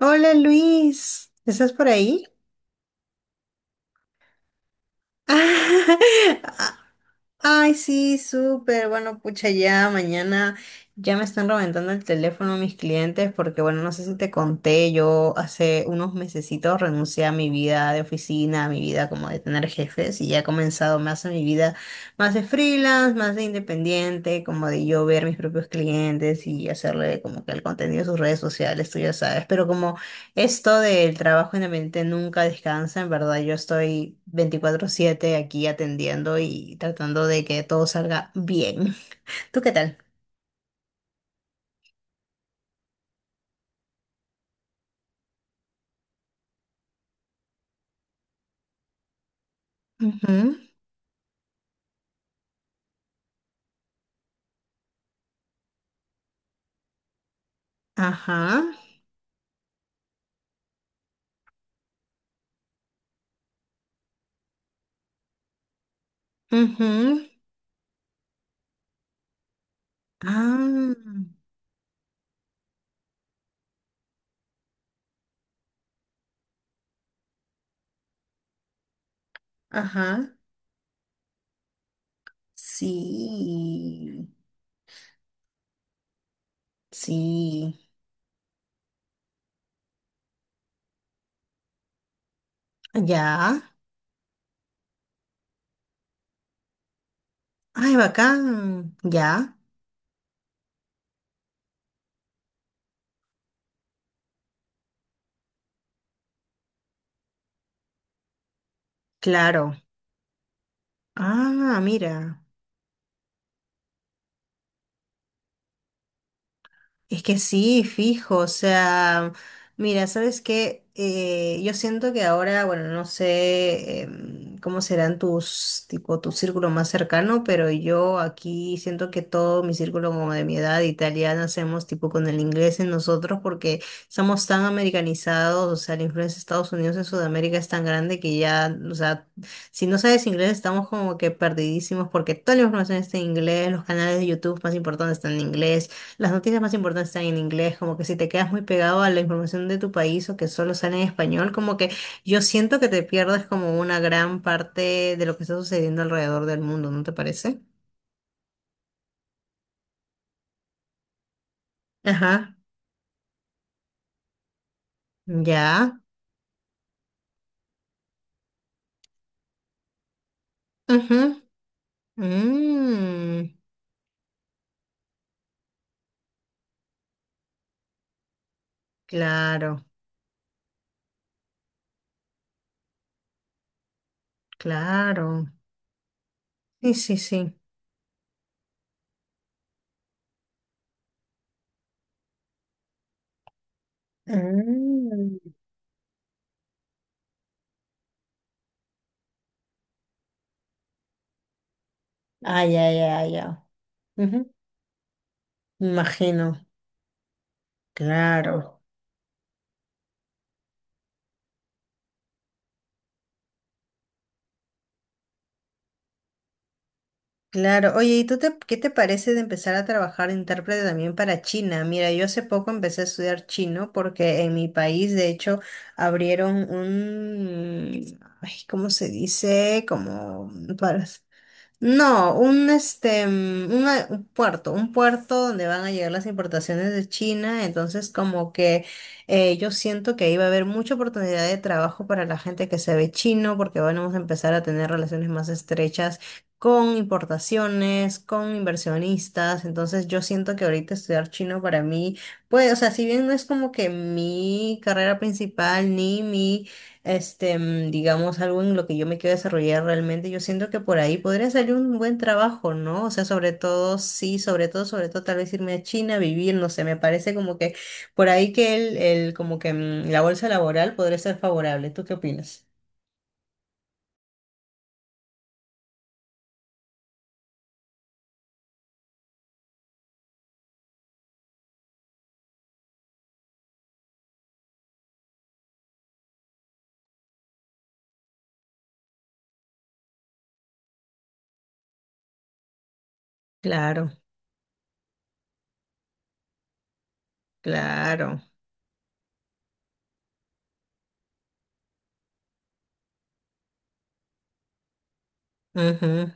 Hola, Luis, ¿estás por ahí? Ah, ay, sí, súper. Bueno, pucha, ya mañana ya me están reventando el teléfono mis clientes porque, bueno, no sé si te conté, yo hace unos mesecitos renuncié a mi vida de oficina, a mi vida como de tener jefes y ya he comenzado más a mi vida más de freelance, más de independiente, como de yo ver mis propios clientes y hacerle como que el contenido de sus redes sociales, tú ya sabes, pero como... esto del trabajo en la mente nunca descansa, en verdad. Yo estoy 24/7 aquí atendiendo y tratando de que todo salga bien. ¿Tú qué tal? Ujú. Ajá. Ujú. Ah, ajá. Sí. Sí. Ya. Ay, bacán. Ya. Claro. Ah, mira. Es que sí, fijo, o sea, mira, ¿sabes qué? Yo siento que ahora, bueno, no sé, cómo serán tus, tipo, tu círculo más cercano, pero yo aquí siento que todo mi círculo como de mi edad italiana hacemos tipo con el inglés en nosotros porque estamos tan americanizados, o sea, la influencia de Estados Unidos en Sudamérica es tan grande que ya, o sea, si no sabes inglés estamos como que perdidísimos porque toda la información está en inglés, los canales de YouTube más importantes están en inglés. Las noticias más importantes están en inglés, como que si te quedas muy pegado a la información de tu país o que solo sale en español, como que yo siento que te pierdes como una gran parte de lo que está sucediendo alrededor del mundo, ¿no te parece? Ajá. Ya. Ujú. Mm, claro, claro. Sí, sí, sí. Mm. Ah, ya, ya, ya. Ujú. Me imagino, claro. Claro, oye, ¿y tú te, qué te parece de empezar a trabajar de intérprete también para China? Mira, yo hace poco empecé a estudiar chino porque en mi país, de hecho, abrieron un, ay, ¿cómo se dice? Como para, no, un un puerto donde van a llegar las importaciones de China, entonces como que yo siento que ahí va a haber mucha oportunidad de trabajo para la gente que se ve chino, porque bueno, vamos a empezar a tener relaciones más estrechas con importaciones, con inversionistas, entonces yo siento que ahorita estudiar chino para mí, pues, o sea, si bien no es como que mi carrera principal ni mi digamos, algo en lo que yo me quiero desarrollar realmente, yo siento que por ahí podría salir un buen trabajo, ¿no? O sea, sobre todo, sí, sobre todo, tal vez irme a China a vivir, no sé, me parece como que por ahí que el como que la bolsa laboral podría ser favorable. ¿Tú qué opinas? Claro, claro. Ujú.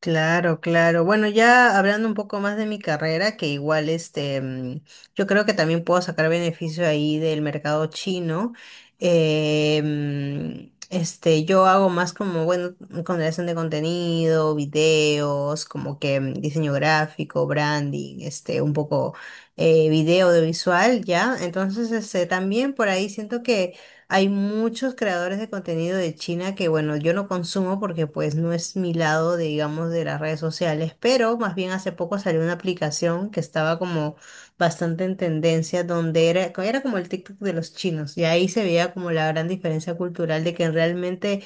Claro, claro. Bueno, ya hablando un poco más de mi carrera, que igual yo creo que también puedo sacar beneficio ahí del mercado chino. Yo hago más como, bueno, con creación de contenido, videos, como que diseño gráfico, branding, este, un poco video audiovisual, ¿ya? Entonces, este, también por ahí siento que hay muchos creadores de contenido de China que, bueno, yo no consumo porque pues no es mi lado, de, digamos, de las redes sociales, pero más bien hace poco salió una aplicación que estaba como bastante en tendencia, donde era como el TikTok de los chinos, y ahí se veía como la gran diferencia cultural de que realmente,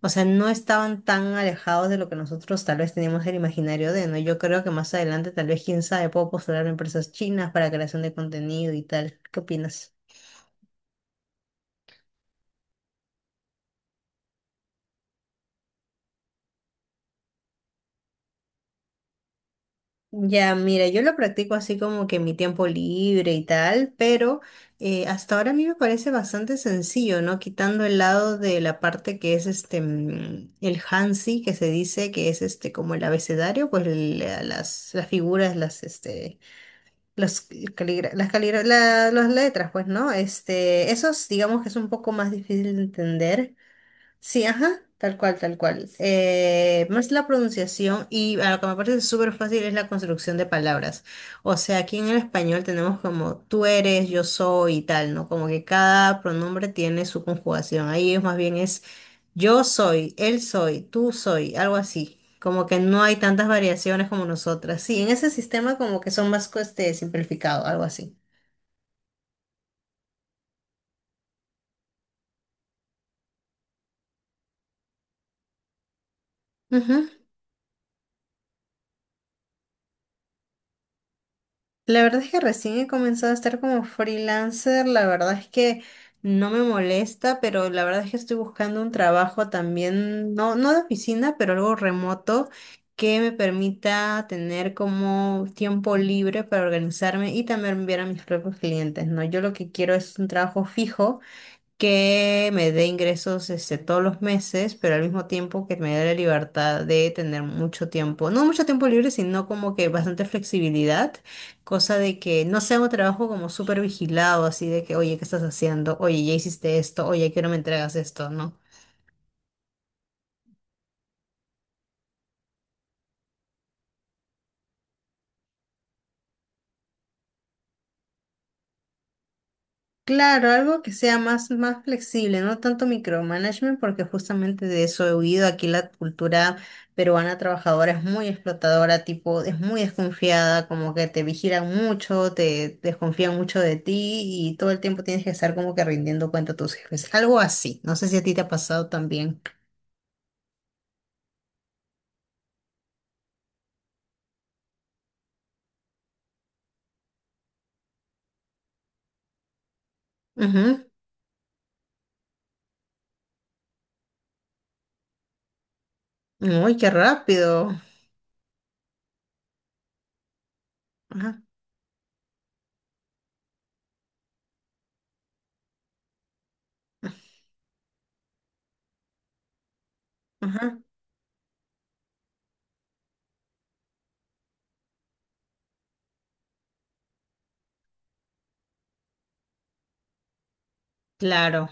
o sea, no estaban tan alejados de lo que nosotros tal vez teníamos el imaginario de, ¿no? Yo creo que más adelante, tal vez, quién sabe, puedo postular a empresas chinas para creación de contenido y tal. ¿Qué opinas? Ya, mira, yo lo practico así como que en mi tiempo libre y tal, pero hasta ahora a mí me parece bastante sencillo, ¿no? Quitando el lado de la parte que es el Hansi, que se dice que es este como el abecedario, pues las figuras, las, este, los caligra- las, caligra- la- las letras, pues, ¿no? Este, esos digamos que es un poco más difícil de entender. Sí, ajá, tal cual, tal cual. Más la pronunciación y a lo que me parece súper fácil es la construcción de palabras. O sea, aquí en el español tenemos como tú eres, yo soy y tal, ¿no? Como que cada pronombre tiene su conjugación. Ahí es más bien es yo soy, él soy, tú soy, algo así. Como que no hay tantas variaciones como nosotras. Sí, en ese sistema como que son más simplificado, algo así. La verdad es que recién he comenzado a estar como freelancer, la verdad es que no me molesta, pero la verdad es que estoy buscando un trabajo también, no, no de oficina, pero algo remoto que me permita tener como tiempo libre para organizarme y también enviar a mis propios clientes, ¿no? Yo lo que quiero es un trabajo fijo que me dé ingresos todos los meses, pero al mismo tiempo que me dé la libertad de tener mucho tiempo, no mucho tiempo libre, sino como que bastante flexibilidad, cosa de que no sea un trabajo como súper vigilado, así de que, oye, ¿qué estás haciendo? Oye, ya hiciste esto, oye, ¿a qué hora me entregas esto? ¿No? Claro, algo que sea más flexible, no tanto micromanagement, porque justamente de eso he huido. Aquí la cultura peruana trabajadora es muy explotadora, tipo, es muy desconfiada, como que te vigilan mucho, te desconfían mucho de ti y todo el tiempo tienes que estar como que rindiendo cuenta a tus jefes. Algo así. No sé si a ti te ha pasado también. Ujú. Uy, qué rápido. Ajá, ajá. Claro.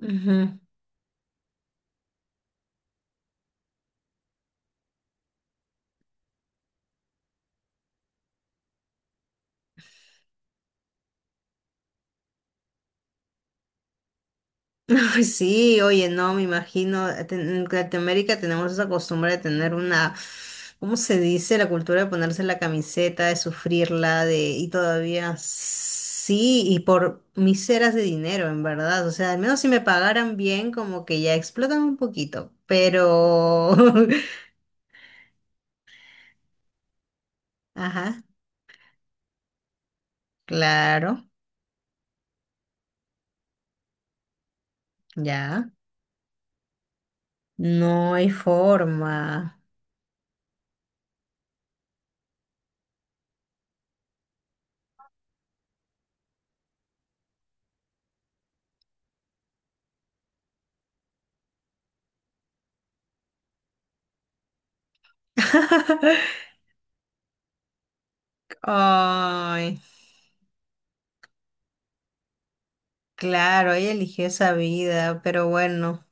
Ujú. Ay, sí, oye, no, me imagino, en Latinoamérica tenemos esa costumbre de tener una, ¿cómo se dice? La cultura de ponerse la camiseta, de sufrirla, de, y todavía sí, y por miseras de dinero, en verdad. O sea, al menos si me pagaran bien, como que ya explotan un poquito, pero... Ajá, claro, ya. No hay forma. Ay, claro, ella eligió esa vida, pero bueno.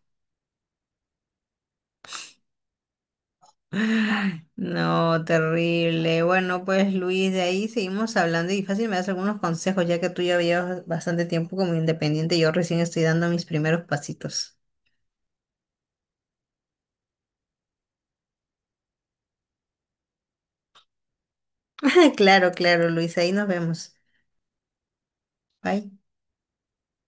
Ay, no, terrible. Bueno, pues Luis, de ahí seguimos hablando y fácil me das algunos consejos, ya que tú ya llevas bastante tiempo como independiente, yo recién estoy dando mis primeros pasitos. Claro, claro, Luis, ahí nos vemos. Bye.